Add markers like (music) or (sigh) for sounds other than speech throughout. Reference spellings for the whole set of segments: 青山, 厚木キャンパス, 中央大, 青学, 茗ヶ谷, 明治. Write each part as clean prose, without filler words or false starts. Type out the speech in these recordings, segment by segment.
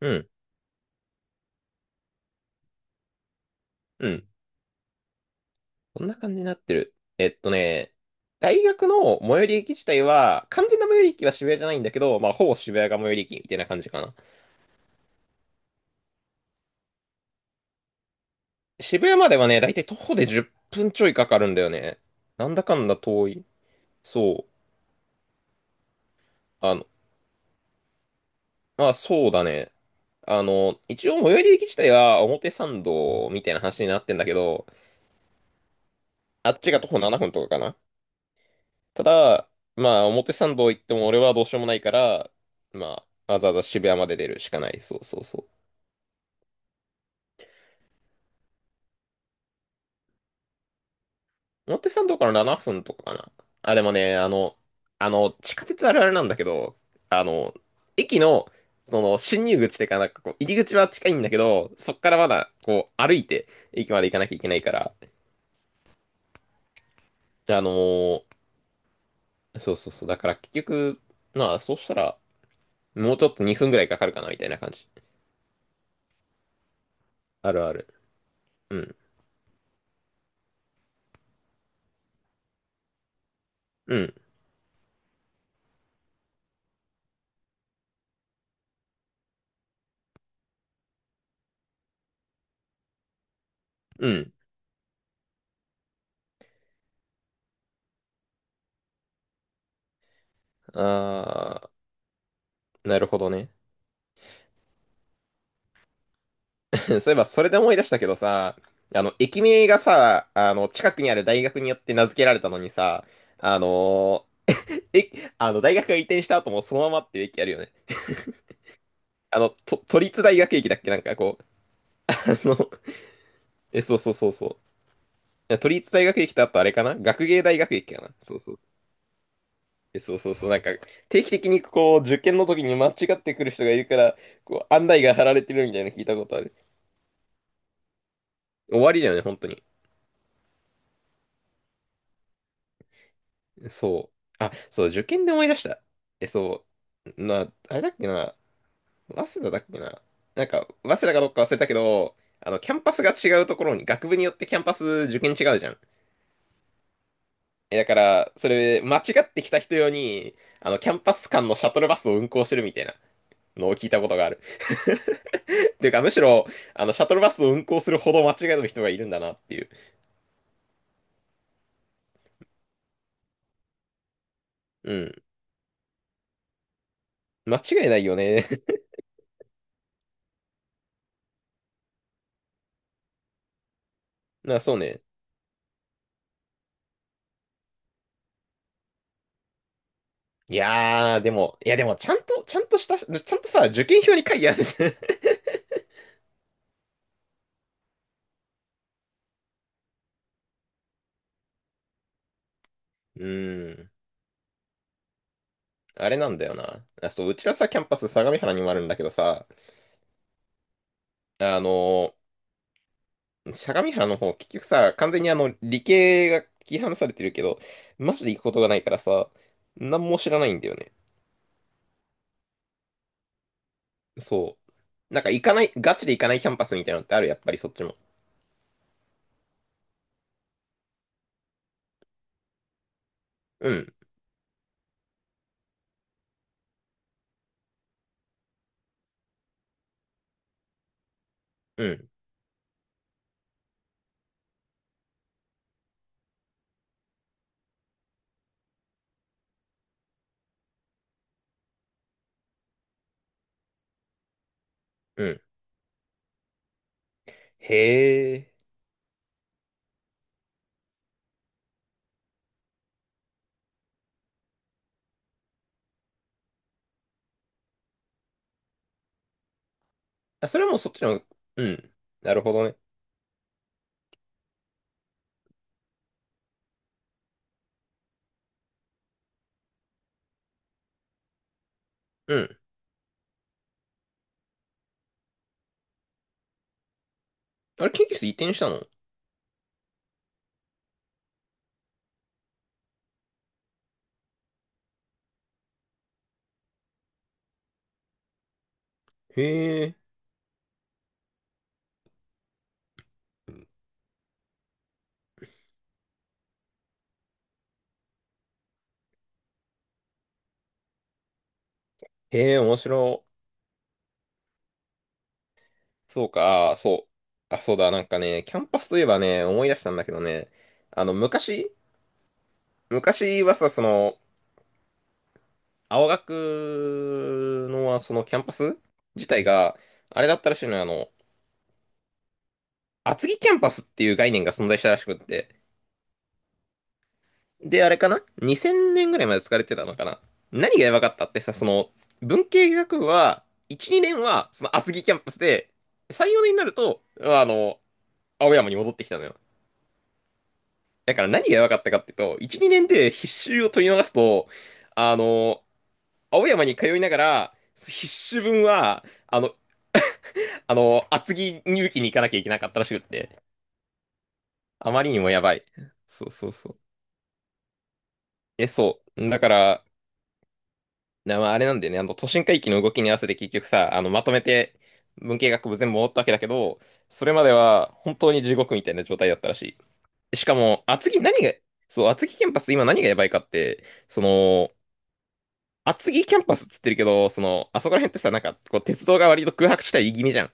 うん、うん。こんな感じになってる。大学の最寄り駅自体は、完全な最寄り駅は渋谷じゃないんだけど、まあ、ほぼ渋谷が最寄り駅みたいな感じかな。渋谷まではね、だいたい徒歩で10分ちょいかかるんだよね。なんだかんだ遠い。そう。あの、まあ、そうだね。一応最寄り駅自体は表参道みたいな話になってんだけど、あっちが徒歩7分とかかな。ただ、まあ、表参道行っても俺はどうしようもないから、まあ、わざわざ渋谷まで出るしかない。そうそうそう。表参道から7分とかかな。あ、でもね、地下鉄あるあるなんだけど、あの、駅の、進入口っていうか、なんかこう、入り口は近いんだけど、そっからまだ、こう、歩いて、駅まで行かなきゃいけないから、あのーそうそうそう、だから結局、まあ、そうしたら、もうちょっと2分ぐらいかかるかな、みたいな感じ。あるある。うん、うん、うん。あー、なるほどね。(laughs) そういえば、それで思い出したけどさ、駅名がさ、近くにある大学によって名付けられたのにさ、あのーえ、あの、大学が移転した後もそのままっていう駅あるよね。都立大学駅だっけ、なんかこう、(laughs) あの、え、そうそうそうそう。いや、都立大学駅と、あとあれかな、学芸大学駅かな、そうそう。え、そうそうそう。なんか、定期的にこう、受験の時に間違ってくる人がいるから、こう、案内が貼られてるみたいなの聞いたことある。終わりだよね、本当に。そう。あ、そう、受験で思い出した。え、そう、あれだっけな、早稲田だっけな。なんか、早稲田かどっか忘れたけど、キャンパスが違うところに、学部によってキャンパス受験違うじゃん。え、だから、それ、間違ってきた人用に、キャンパス間のシャトルバスを運行してるみたいなのを聞いたことがある。(laughs) っていうか、むしろ、シャトルバスを運行するほど間違える人がいるんだなっていう。うん。間違いないよね。(laughs) そうね。いやー、でも、いやでも、ちゃんと、ちゃんとした、ちゃんとさ、受験票に書いてあるじゃん。(laughs) うーん。あれなんだよな。あ、そう、うちらさ、キャンパス相模原にもあるんだけどさ、あのー相模原の方、結局さ、完全に理系が切り離されてるけど、マジで行くことがないからさ、何も知らないんだよね。そう。なんか行かない、ガチで行かないキャンパスみたいなのってある、やっぱりそっちも。うん、うん、うん。へえ。あ、それはもうそっちの、うん。なるほどね。うん。あれ、研究室移転したの？へえ、へえ、面白い。そうか、あそう。あ、そうだ、なんかね、キャンパスといえばね、思い出したんだけどね、あの、昔、昔はさ、その、青学の、そのキャンパス自体が、あれだったらしいのよ、厚木キャンパスっていう概念が存在したらしくって、で、あれかな？ 2000 年ぐらいまで使われてたのかな。何がやばかったってさ、その、文系学部は、1、2年は、その厚木キャンパスで、3、4年になると、青山に戻ってきたのよ。だから何がやばかったかっていうと、1、2年で必修を取り逃すと、あの、青山に通いながら、必修分は、厚木入試に行かなきゃいけなかったらしくって、あまりにもやばい。そうそうそう。え、そう。だから、まあ、あれなんだよね、都心回帰の動きに合わせて結局さ、まとめて文系学部全部戻ったわけだけど、それまでは本当に地獄みたいな状態だったらしい。しかも、厚木何が、そう、厚木キャンパス今何がやばいかって、その、厚木キャンパスっつってるけど、その、あそこら辺ってさ、なんか、こう、鉄道が割と空白地帯気味じゃん。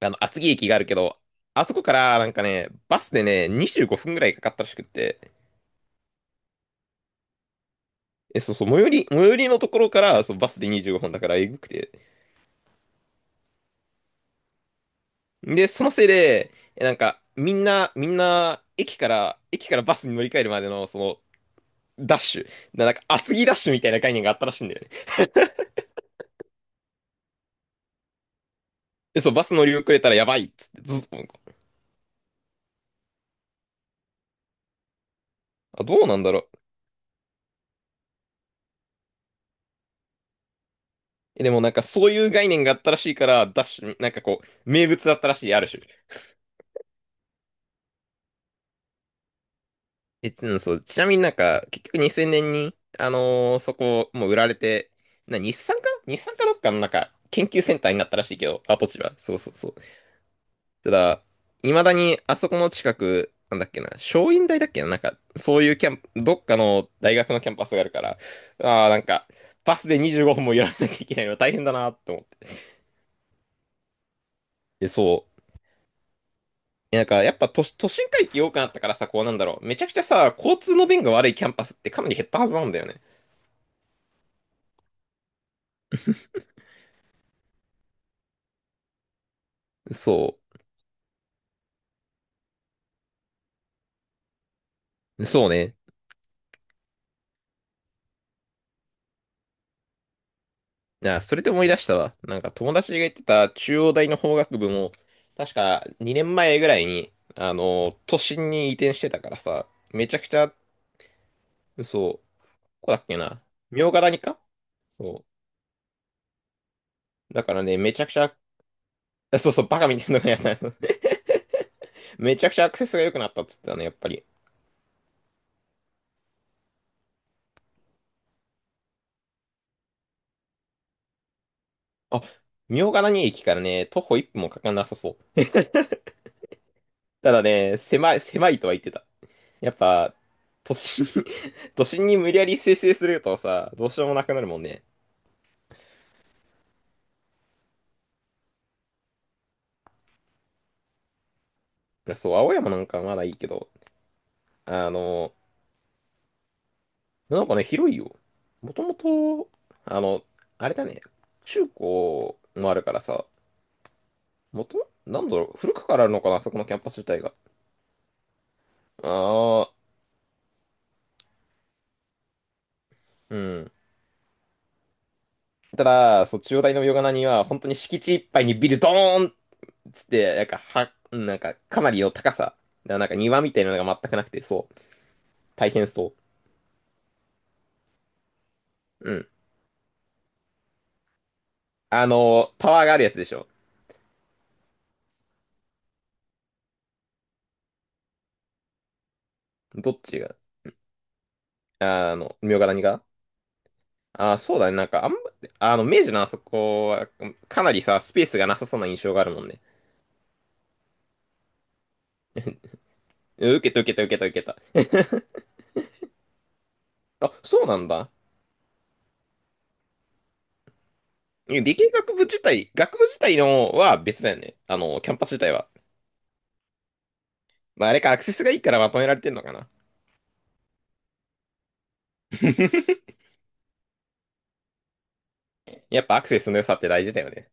厚木駅があるけど、あそこから、なんかね、バスでね、25分ぐらいかかったらしくって、え、そうそう、最寄りのところから、そう、バスで25分だから、えぐくて。で、そのせいで、え、なんか、みんな、駅からバスに乗り換えるまでの、その、ダッシュ。なんか、厚木ダッシュみたいな概念があったらしいんだよね。で、そう、バス乗り遅れたらやばいっつって、ずっと、あ、どうなんだろう。え、でも、なんかそういう概念があったらしいから、ダッシュ、なんかこう、名物だったらしい、ある種。え、うん、そう、ちなみになんか、結局2000年に、そこ、もう売られて、日産かな、日産かどっかのなんか、研究センターになったらしいけど、跡地は。そうそうそう。ただ、未だにあそこの近く、なんだっけな、松蔭大だっけな、なんか、そういうキャンプどっかの大学のキャンパスがあるから、ああ、なんか、バスで25分もやらなきゃいけないの大変だなって思って。で、そう。なんか、やっぱ都心回帰多くなったからさ、こうなんだろう。めちゃくちゃさ、交通の便が悪いキャンパスってかなり減ったはずなんだよね。そう。そうね。あ、それで思い出したわ。なんか友達が言ってた中央大の法学部も、確か2年前ぐらいに、都心に移転してたからさ、めちゃくちゃ、そう、ここだっけな。茗ヶ谷か。そう。だからね、めちゃくちゃ、あ、そうそう、バカみたいなのがやった。(laughs) めちゃくちゃアクセスが良くなったっつってたね、やっぱり。あ、茗ヶ谷駅からね、徒歩1分もかかんなさそう。ただね、狭いとは言ってた。やっぱ、都心に (laughs) 都心に無理やり生成するとさ、どうしようもなくなるもんね。そう、青山なんかまだいいけど、あの、なんかね、広いよ。もともと、あの、あれだね、中高もあるからさ、なんだろう、古くからあるのかな、あそこのキャンパス自体が。ああ、うん。ただ、そう、中央大のヨガナには、本当に敷地いっぱいにビルドーンつって、なんか、なんか、かなりの高さ。なんか庭みたいなのが全くなくて、そう。大変そう。うん。タワーがあるやつでしょ。どっちが、茗ヶ谷が、あー、そうだね。なんか、あんま、あの、明治のあそこは、かなりさ、スペースがなさそうな印象があるもんね。うん、受けた受けた受けた受けた。(laughs) あ、そうなんだ。え、理系学部自体、学部自体のは別だよね。キャンパス自体は。まあ、あれか、アクセスがいいからまとめられてんのかな。(laughs) やっぱアクセスの良さって大事だよね。